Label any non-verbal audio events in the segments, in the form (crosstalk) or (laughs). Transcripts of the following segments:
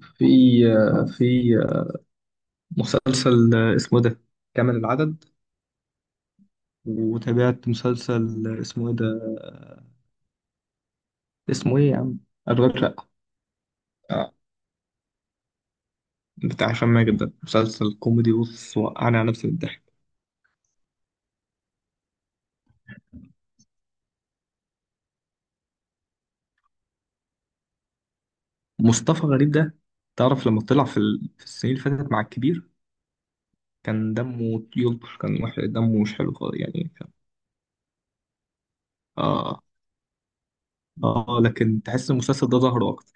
في في مسلسل اسمه ده كامل العدد. وتابعت مسلسل اسمه ايه ده؟ اسمه ايه يا عم؟ اشغال شقة. آه، بتاع هشام ماجد. ده مسلسل كوميدي، بص وقعني على نفسي بالضحك. مصطفى غريب ده، تعرف لما طلع في في السنين اللي فاتت مع الكبير؟ كان دمه يلطش، كان وحش، دمه مش حلو خالص، يعني كان. اه. اه، لكن تحس المسلسل ده ظهره اكتر.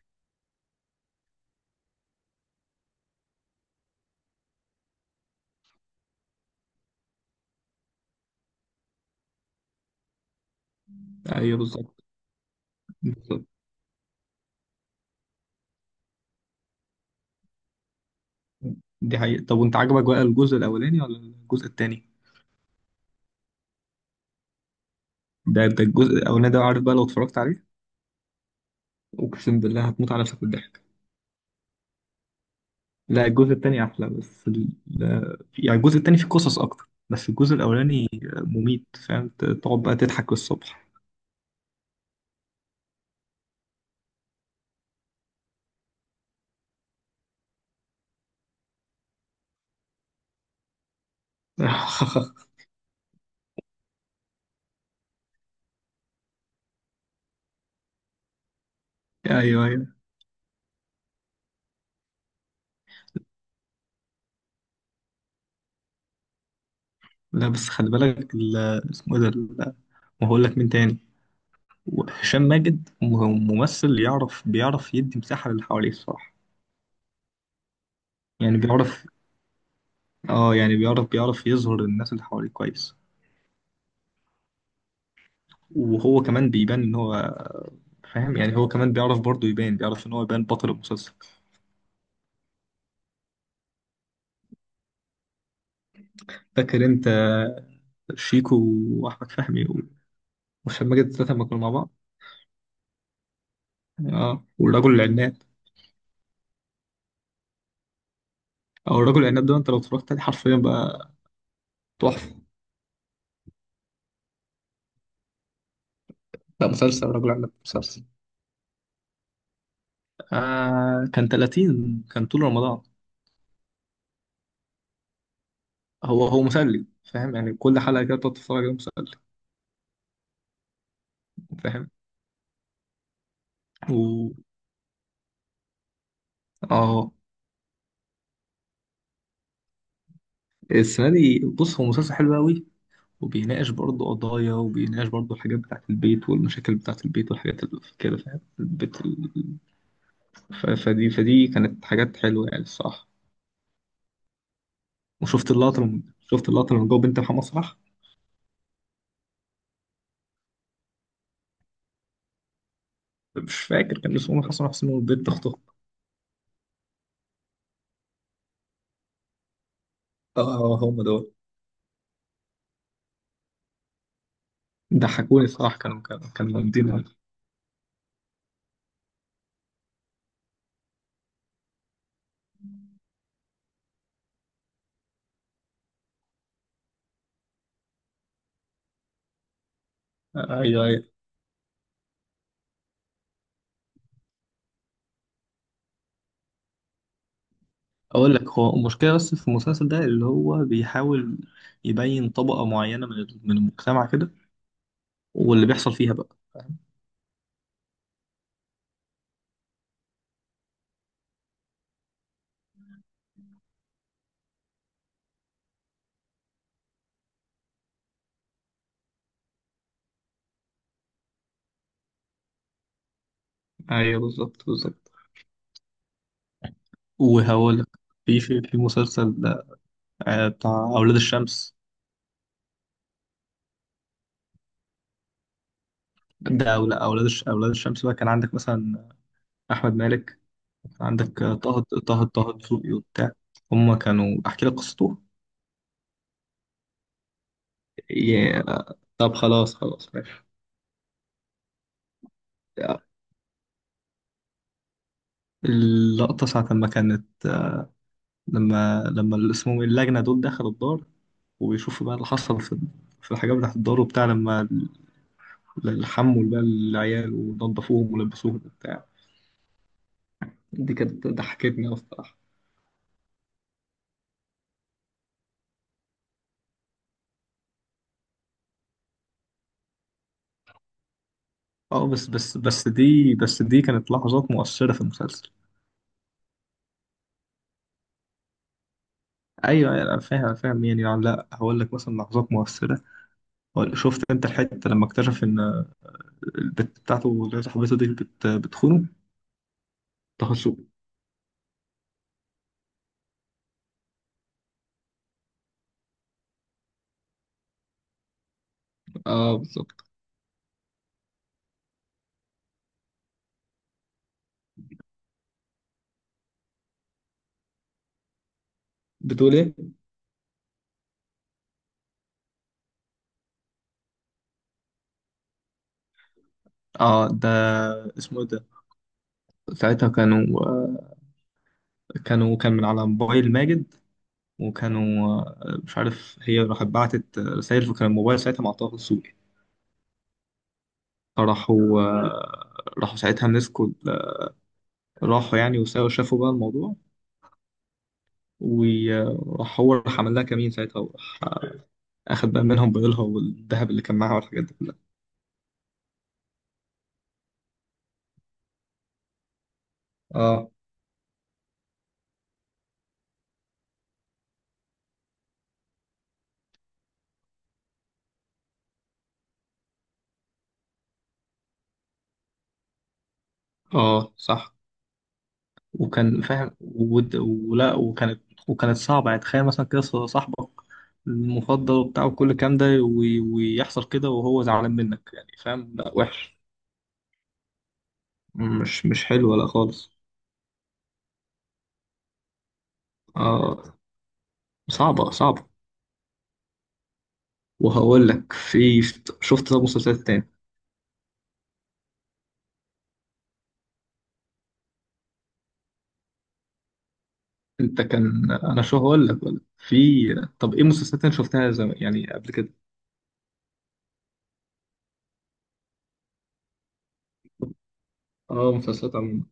ايوه، بالظبط بالظبط. دي حقيقة. طب وانت عجبك بقى الجزء الاولاني ولا الجزء التاني؟ ده الجزء الاولاني ده، عارف بقى لو اتفرجت عليه، اقسم بالله هتموت على نفسك بالضحك. لا، الجزء التاني احلى، بس ال... لا- يعني الجزء التاني فيه قصص اكتر، بس الجزء الاولاني مميت. فاهم؟ تقعد بقى تضحك الصبح. (laughs) ايوه ايوه. لا بس خلي بالك اسمه إيه ده ما هقول لك مين تاني. هشام ماجد ممثل يعرف، بيعرف يدي مساحة للي حواليه الصراحة. يعني بيعرف. اه يعني بيعرف يظهر الناس اللي حواليه كويس. وهو كمان بيبان ان هو، فاهم؟ يعني هو كمان بيعرف برضه يبان، بيعرف ان هو يبان بطل المسلسل. فاكر انت شيكو واحمد فهمي و- وهشام ماجد الثلاثه لما كانوا مع بعض؟ يعني اه. والرجل العناب، او الرجل العناب ده، انت لو اتفرجت عليه حرفيا بقى تحفه. لا، مسلسل الرجل العناب مسلسل. كان 30، كان طول رمضان. هو مسلي. فاهم؟ يعني كل حلقه كده بتقعد تتفرج عليه، مسلي. فاهم؟ و اه السنه دي بص هو مسلسل حلو قوي، وبيناقش برضه قضايا، وبيناقش برضه الحاجات بتاعة البيت والمشاكل بتاعة البيت والحاجات اللي كده. فاهم؟ البيت ف... فدي فدي كانت حاجات حلوة يعني الصراحة. وشفت اللقطة لما (laughs) شفت اللقطة لما جابوا بنت محمد صلاح؟ مش فاكر كان اسمه محمد صلاح، اسمه بنت أخته. اه هم دول. ضحكوني الصراحة، كانوا جامدين أوي. ايوه ايوه. اقول لك، هو المشكله بس في المسلسل ده، اللي هو بيحاول يبين طبقه معينه من المجتمع كده، واللي بيحصل فيها بقى. ايوه بالظبط بالظبط. وهقول لك، في مسلسل بتاع أولاد الشمس ده. أو لا، أولاد الشمس بقى كان عندك مثلا أحمد مالك، كان عندك طه دسوقي وبتاع. هما كانوا، أحكي لك قصته؟ يا- طب خلاص خلاص ماشي. اللقطة ساعة لما كانت لما اللي اسمهم اللجنة دول دخلوا الدار، وبيشوفوا بقى اللي حصل في الحاجات بتاعت الدار وبتاع، لما الحمول بقى العيال ونضفوهم ولبسوهم وبتاع. دي كانت ضحكتني أصلا. اه، بس دي كانت لحظات مؤثرة في المسلسل. ايوه أيوة، انا فاهم أنا فاهم يعني لا، هقول لك مثلا لحظات مؤثرة. شفت انت الحتة لما اكتشف ان البت بتاعته، اللي صاحبته دي، بت بتخونه؟ تخصصه. اه بالظبط. بتقول ايه؟ اه ده، اسمه إيه ده. ساعتها كانوا كان من على موبايل ماجد، وكانوا مش عارف، هي راحت بعتت رسائل، فكان الموبايل ساعتها مع طه السوقي. فراحوا آه، راحوا ساعتها مسكوا، راحوا يعني، وساووا شافوا بقى الموضوع. وراح هو راح عمل لها كمين ساعتها، وراح اخد بقى منهم بيضلها والذهب اللي كان معاها والحاجات دي كلها. اه. اه صح. وكان فاهم ود- ولا وكانت صعبة يعني. تخيل مثلا كده صاحبك المفضل وبتاع وكل الكلام ده، ويحصل كده وهو زعلان منك يعني. فاهم؟ لا وحش. مش حلوة لا خالص. اه صعبة صعبة. وهقول لك، في، شفت ده مسلسلات تاني؟ انت كان انا شو هقول لك، ولا في. طب ايه مسلسلات انت شفتها يعني قبل كده؟ اه مسلسلات عموما.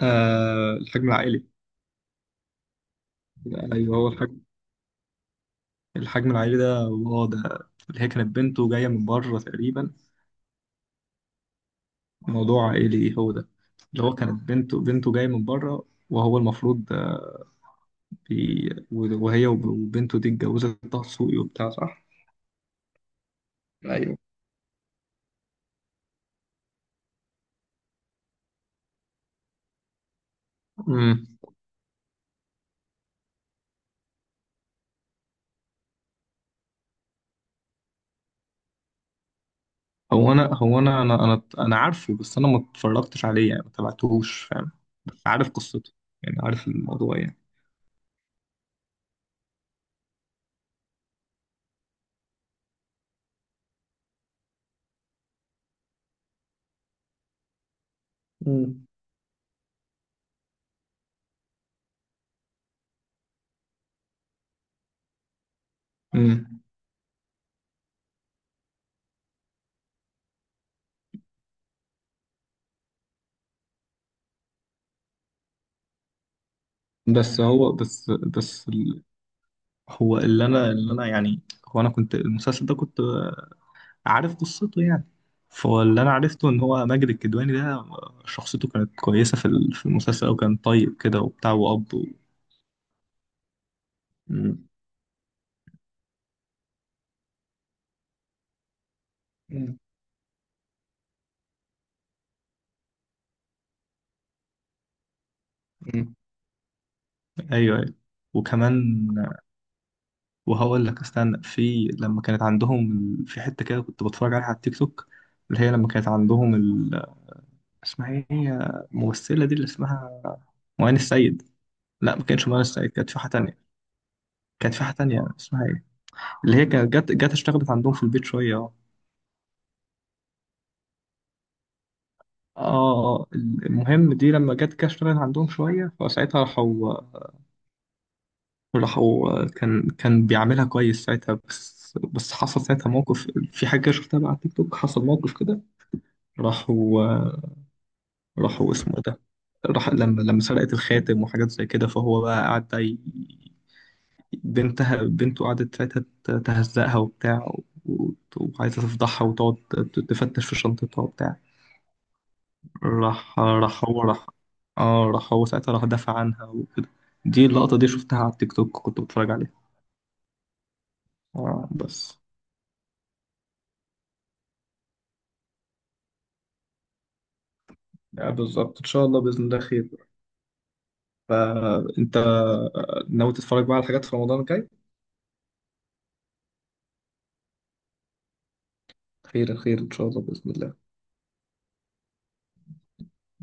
الحجم العائلي. ايوه، هو الحجم العائلي ده هو ده اللي هي كانت بنته جايه من بره تقريبا. موضوع عائلي هو ده اللي هو كانت بنته جايه من بره. وهو المفروض وهي وبنته دي اتجوزت طه دسوقي وبتاع، صح؟ ايوه. مم. هو انا انا عارفه، بس انا ما اتفرجتش عليه، يعني ما تابعتهوش. فاهم؟ بس عارف قصته، يعني عارف الموضوع يعني. مم. امم. بس هو هو، اللي انا يعني، هو انا كنت المسلسل ده كنت عارف قصته يعني. فهو اللي انا عرفته ان هو ماجد الكدواني ده، شخصيته كانت كويسة في المسلسل، او كان طيب كده وبتاع مم. مم. مم. ايوه ايوه. وكمان، وهقول لك استنى، في لما كانت عندهم في حتة كده، كنت بتفرج عليها على التيك توك. اللي هي لما كانت عندهم اسمها ايه هي الممثلة دي، اللي اسمها معين السيد؟ لا، ما كانتش معين السيد، كانت في حاجة تانية. كانت في حاجة تانية اسمها ايه، اللي هي كانت جت اشتغلت عندهم في البيت شوية. اه. اه، المهم دي لما جت كده اشتغلت عندهم شوية، فساعتها راحوا، راحوا كان بيعملها كويس ساعتها، بس حصل ساعتها موقف، في حاجة شفتها بقى على التيك توك، حصل موقف كده. راحوا. راحوا اسمه إيه ده. راح لما سرقت الخاتم وحاجات زي كده، فهو بقى قعد بقى بنته قعدت ساعتها تهزقها وبتاع، و- وعايزة تفضحها وتقعد تفتش في شنطتها وبتاع. راح اه، راح هو ساعتها راح دافع عنها وكده. دي اللقطة دي شفتها على التيك توك، كنت بتفرج عليها. اه بس. بالظبط، ان شاء الله، باذن الله خير. فانت ناوي تتفرج بقى على حاجات في رمضان الجاي؟ خير خير ان شاء الله باذن الله.